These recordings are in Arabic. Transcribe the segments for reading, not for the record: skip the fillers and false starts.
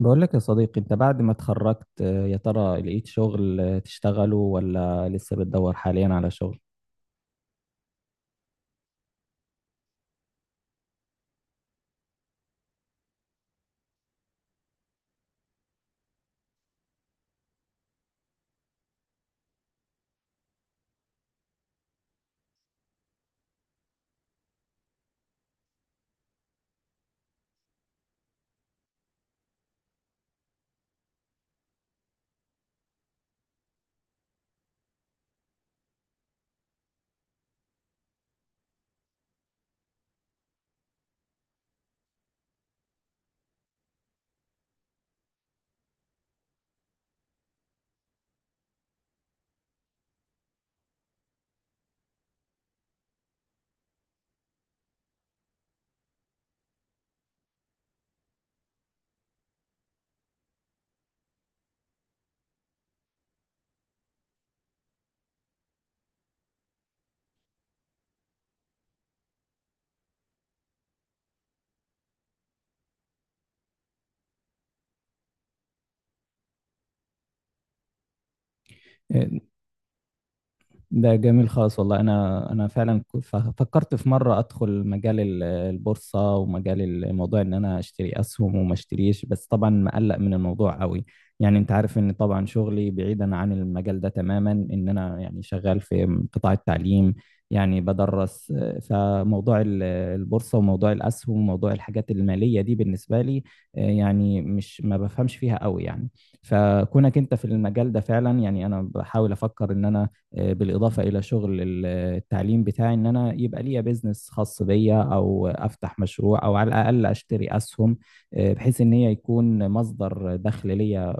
بقول لك يا صديقي، انت بعد ما اتخرجت، يا ترى لقيت شغل تشتغله ولا لسه بتدور حاليا على شغل؟ ده جميل خالص، والله انا فعلا فكرت في مره ادخل مجال البورصه ومجال الموضوع ان انا اشتري اسهم وما اشتريش، بس طبعا مقلق من الموضوع قوي. يعني انت عارف ان طبعا شغلي بعيدا عن المجال ده تماما، ان انا يعني شغال في قطاع التعليم. يعني بدرس، فموضوع البورصه وموضوع الاسهم وموضوع الحاجات الماليه دي بالنسبه لي يعني مش ما بفهمش فيها قوي يعني. فكونك انت في المجال ده فعلا، يعني انا بحاول افكر ان انا بالإضافة إلى شغل التعليم بتاعي، إن أنا يبقى ليا بيزنس خاص بيا أو أفتح مشروع أو على الأقل أشتري أسهم، بحيث إن هي يكون مصدر دخل ليا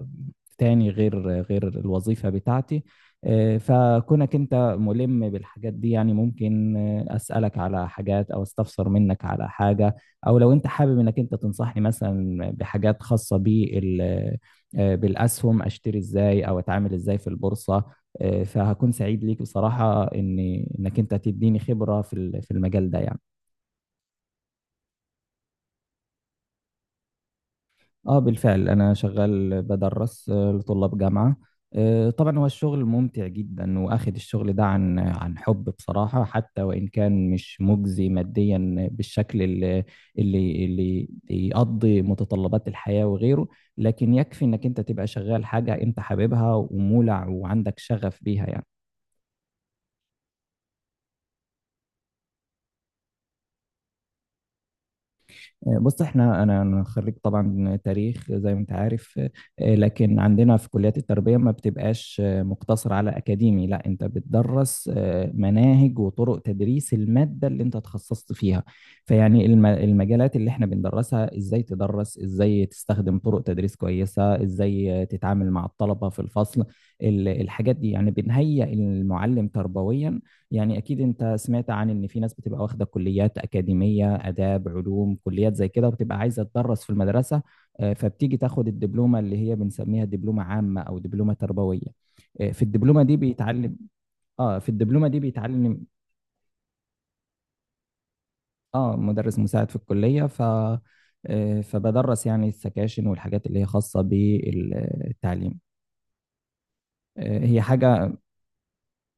تاني غير الوظيفة بتاعتي. فكونك انت ملم بالحاجات دي يعني ممكن اسألك على حاجات او استفسر منك على حاجة، او لو انت حابب انك انت تنصحني مثلا بحاجات خاصة بال، بالاسهم، اشتري ازاي او اتعامل ازاي في البورصة. فهكون سعيد ليك بصراحة ان انك انت تديني خبرة في في المجال ده يعني. اه بالفعل انا شغال بدرس لطلاب جامعة. طبعا هو الشغل ممتع جدا، واخد الشغل ده عن حب بصراحة، حتى وان كان مش مجزي ماديا بالشكل اللي يقضي متطلبات الحياة وغيره. لكن يكفي انك انت تبقى شغال حاجة انت حاببها ومولع وعندك شغف بيها يعني. بص احنا أنا خريج طبعا تاريخ زي ما انت عارف. لكن عندنا في كليات التربيه ما بتبقاش مقتصر على اكاديمي، لا انت بتدرس مناهج وطرق تدريس الماده اللي انت تخصصت فيها. فيعني المجالات اللي احنا بندرسها، ازاي تدرس، ازاي تستخدم طرق تدريس كويسه، ازاي تتعامل مع الطلبه في الفصل، الحاجات دي يعني بنهيئ المعلم تربويا. يعني أكيد أنت سمعت عن إن في ناس بتبقى واخدة كليات أكاديمية، آداب، علوم، كليات زي كده، وبتبقى عايزة تدرس في المدرسة. فبتيجي تاخد الدبلومة اللي هي بنسميها دبلومة عامة أو دبلومة تربوية. آه، في الدبلومة دي بيتعلم في الدبلومة دي بيتعلم. آه، مدرس مساعد في الكلية. ف آه، فبدرس يعني السكاشن والحاجات اللي هي خاصة بالتعليم. هي حاجة.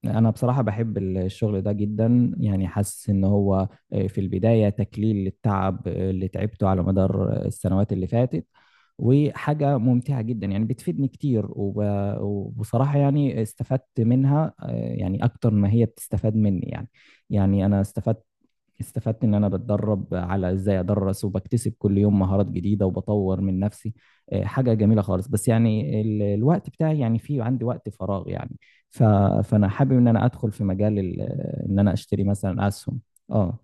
انا بصراحة بحب الشغل ده جدا، يعني حاسس ان هو في البداية تكليل للتعب اللي تعبته على مدار السنوات اللي فاتت. وحاجة ممتعة جدا يعني، بتفيدني كتير وبصراحة يعني استفدت منها، يعني اكتر ما هي بتستفاد مني يعني. يعني انا استفدت ان انا بتدرب على ازاي ادرس، وبكتسب كل يوم مهارات جديده، وبطور من نفسي. حاجه جميله خالص، بس يعني الوقت بتاعي يعني في عندي وقت فراغ يعني. ف... فانا حابب ان انا ادخل في مجال ان انا اشتري مثلا اسهم. اه،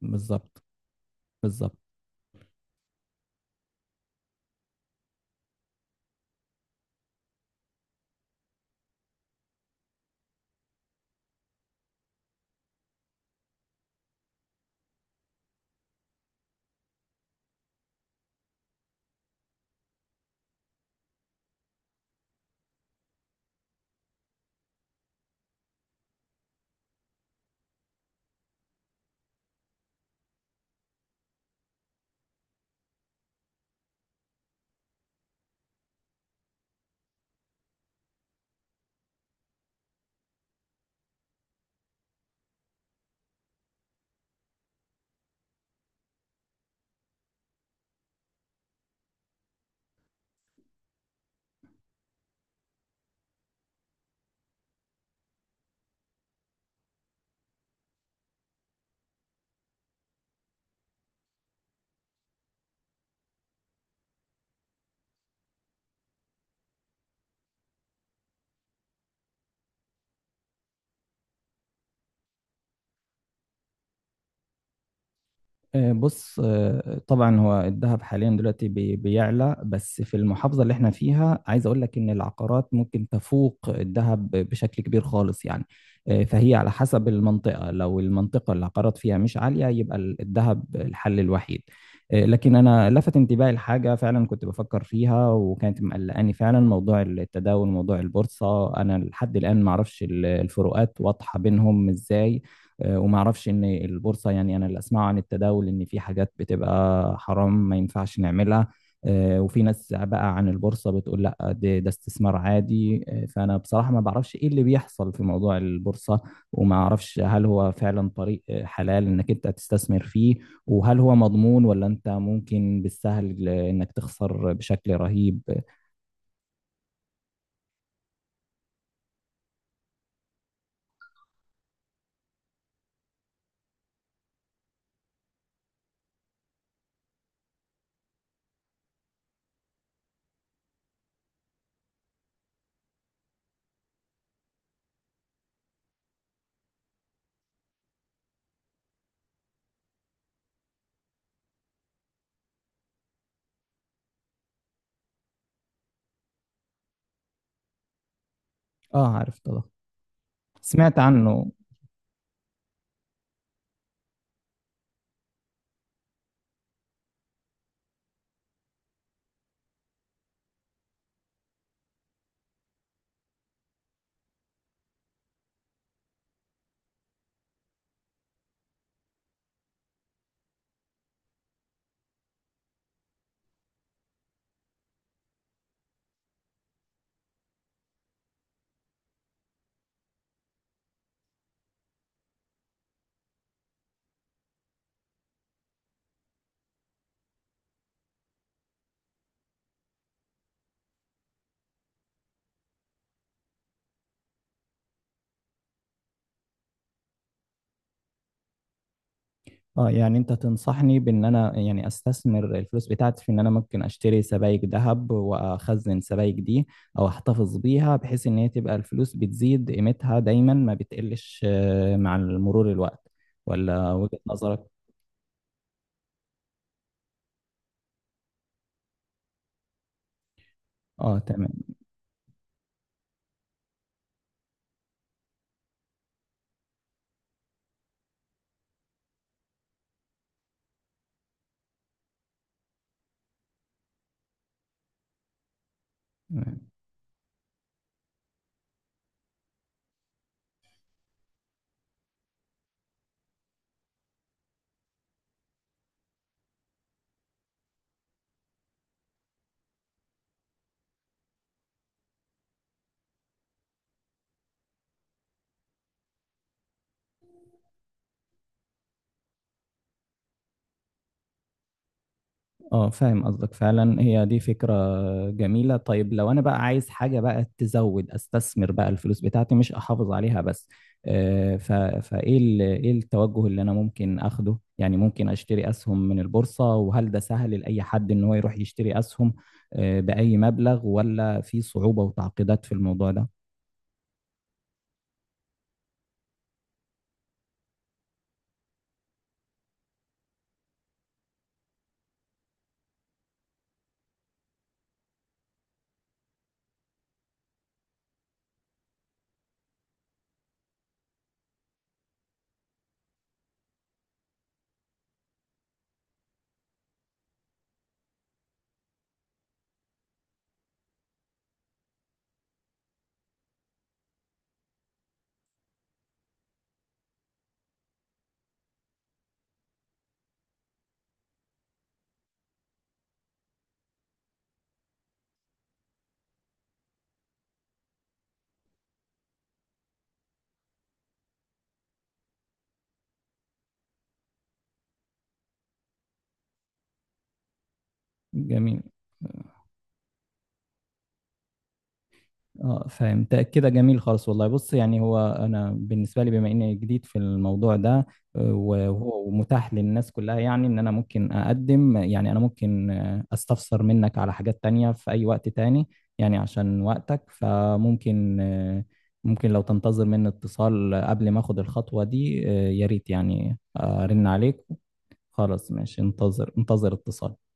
بالظبط، بالظبط. بص، طبعا هو الذهب حاليا دلوقتي بيعلى، بس في المحافظة اللي احنا فيها عايز اقول لك ان العقارات ممكن تفوق الذهب بشكل كبير خالص يعني. فهي على حسب المنطقة، لو المنطقة اللي العقارات فيها مش عالية يبقى الذهب الحل الوحيد. لكن انا لفت انتباهي لحاجة فعلا كنت بفكر فيها، وكانت مقلقاني فعلا، موضوع التداول، موضوع البورصة، انا لحد الآن معرفش الفروقات واضحة بينهم ازاي. وما اعرفش ان البورصه، يعني انا اللي اسمعه عن التداول ان في حاجات بتبقى حرام ما ينفعش نعملها. وفي ناس بقى عن البورصه بتقول لا، ده استثمار عادي. فانا بصراحه ما بعرفش ايه اللي بيحصل في موضوع البورصه، وما اعرفش هل هو فعلا طريق حلال انك انت تستثمر فيه، وهل هو مضمون ولا انت ممكن بالسهل انك تخسر بشكل رهيب. اه عارف طبعا، سمعت عنه. اه، يعني انت تنصحني بان انا يعني استثمر الفلوس بتاعتي في ان انا ممكن اشتري سبائك ذهب، واخزن سبائك دي او احتفظ بيها، بحيث ان هي تبقى الفلوس بتزيد قيمتها دايما ما بتقلش مع مرور الوقت، ولا وجهة نظرك؟ اه تمام، تمام. اه، فاهم قصدك فعلا، هي دي فكرة جميلة. طيب، لو انا بقى عايز حاجة بقى تزود، استثمر بقى الفلوس بتاعتي مش احافظ عليها بس، آه، ف... ايه التوجه اللي انا ممكن اخده يعني؟ ممكن اشتري اسهم من البورصة، وهل ده سهل لأي حد ان هو يروح يشتري اسهم بأي مبلغ، ولا في صعوبة وتعقيدات في الموضوع ده؟ جميل، اه فهمت كده، جميل خالص والله. بص يعني هو انا بالنسبه لي بما اني جديد في الموضوع ده، وهو متاح للناس كلها، يعني ان انا ممكن اقدم، يعني انا ممكن استفسر منك على حاجات تانية في اي وقت تاني. يعني عشان وقتك، فممكن آه، ممكن لو تنتظر مني اتصال قبل ما اخد الخطوه دي، يا ريت يعني، ارن عليك. خلاص، ماشي، انتظر اتصال.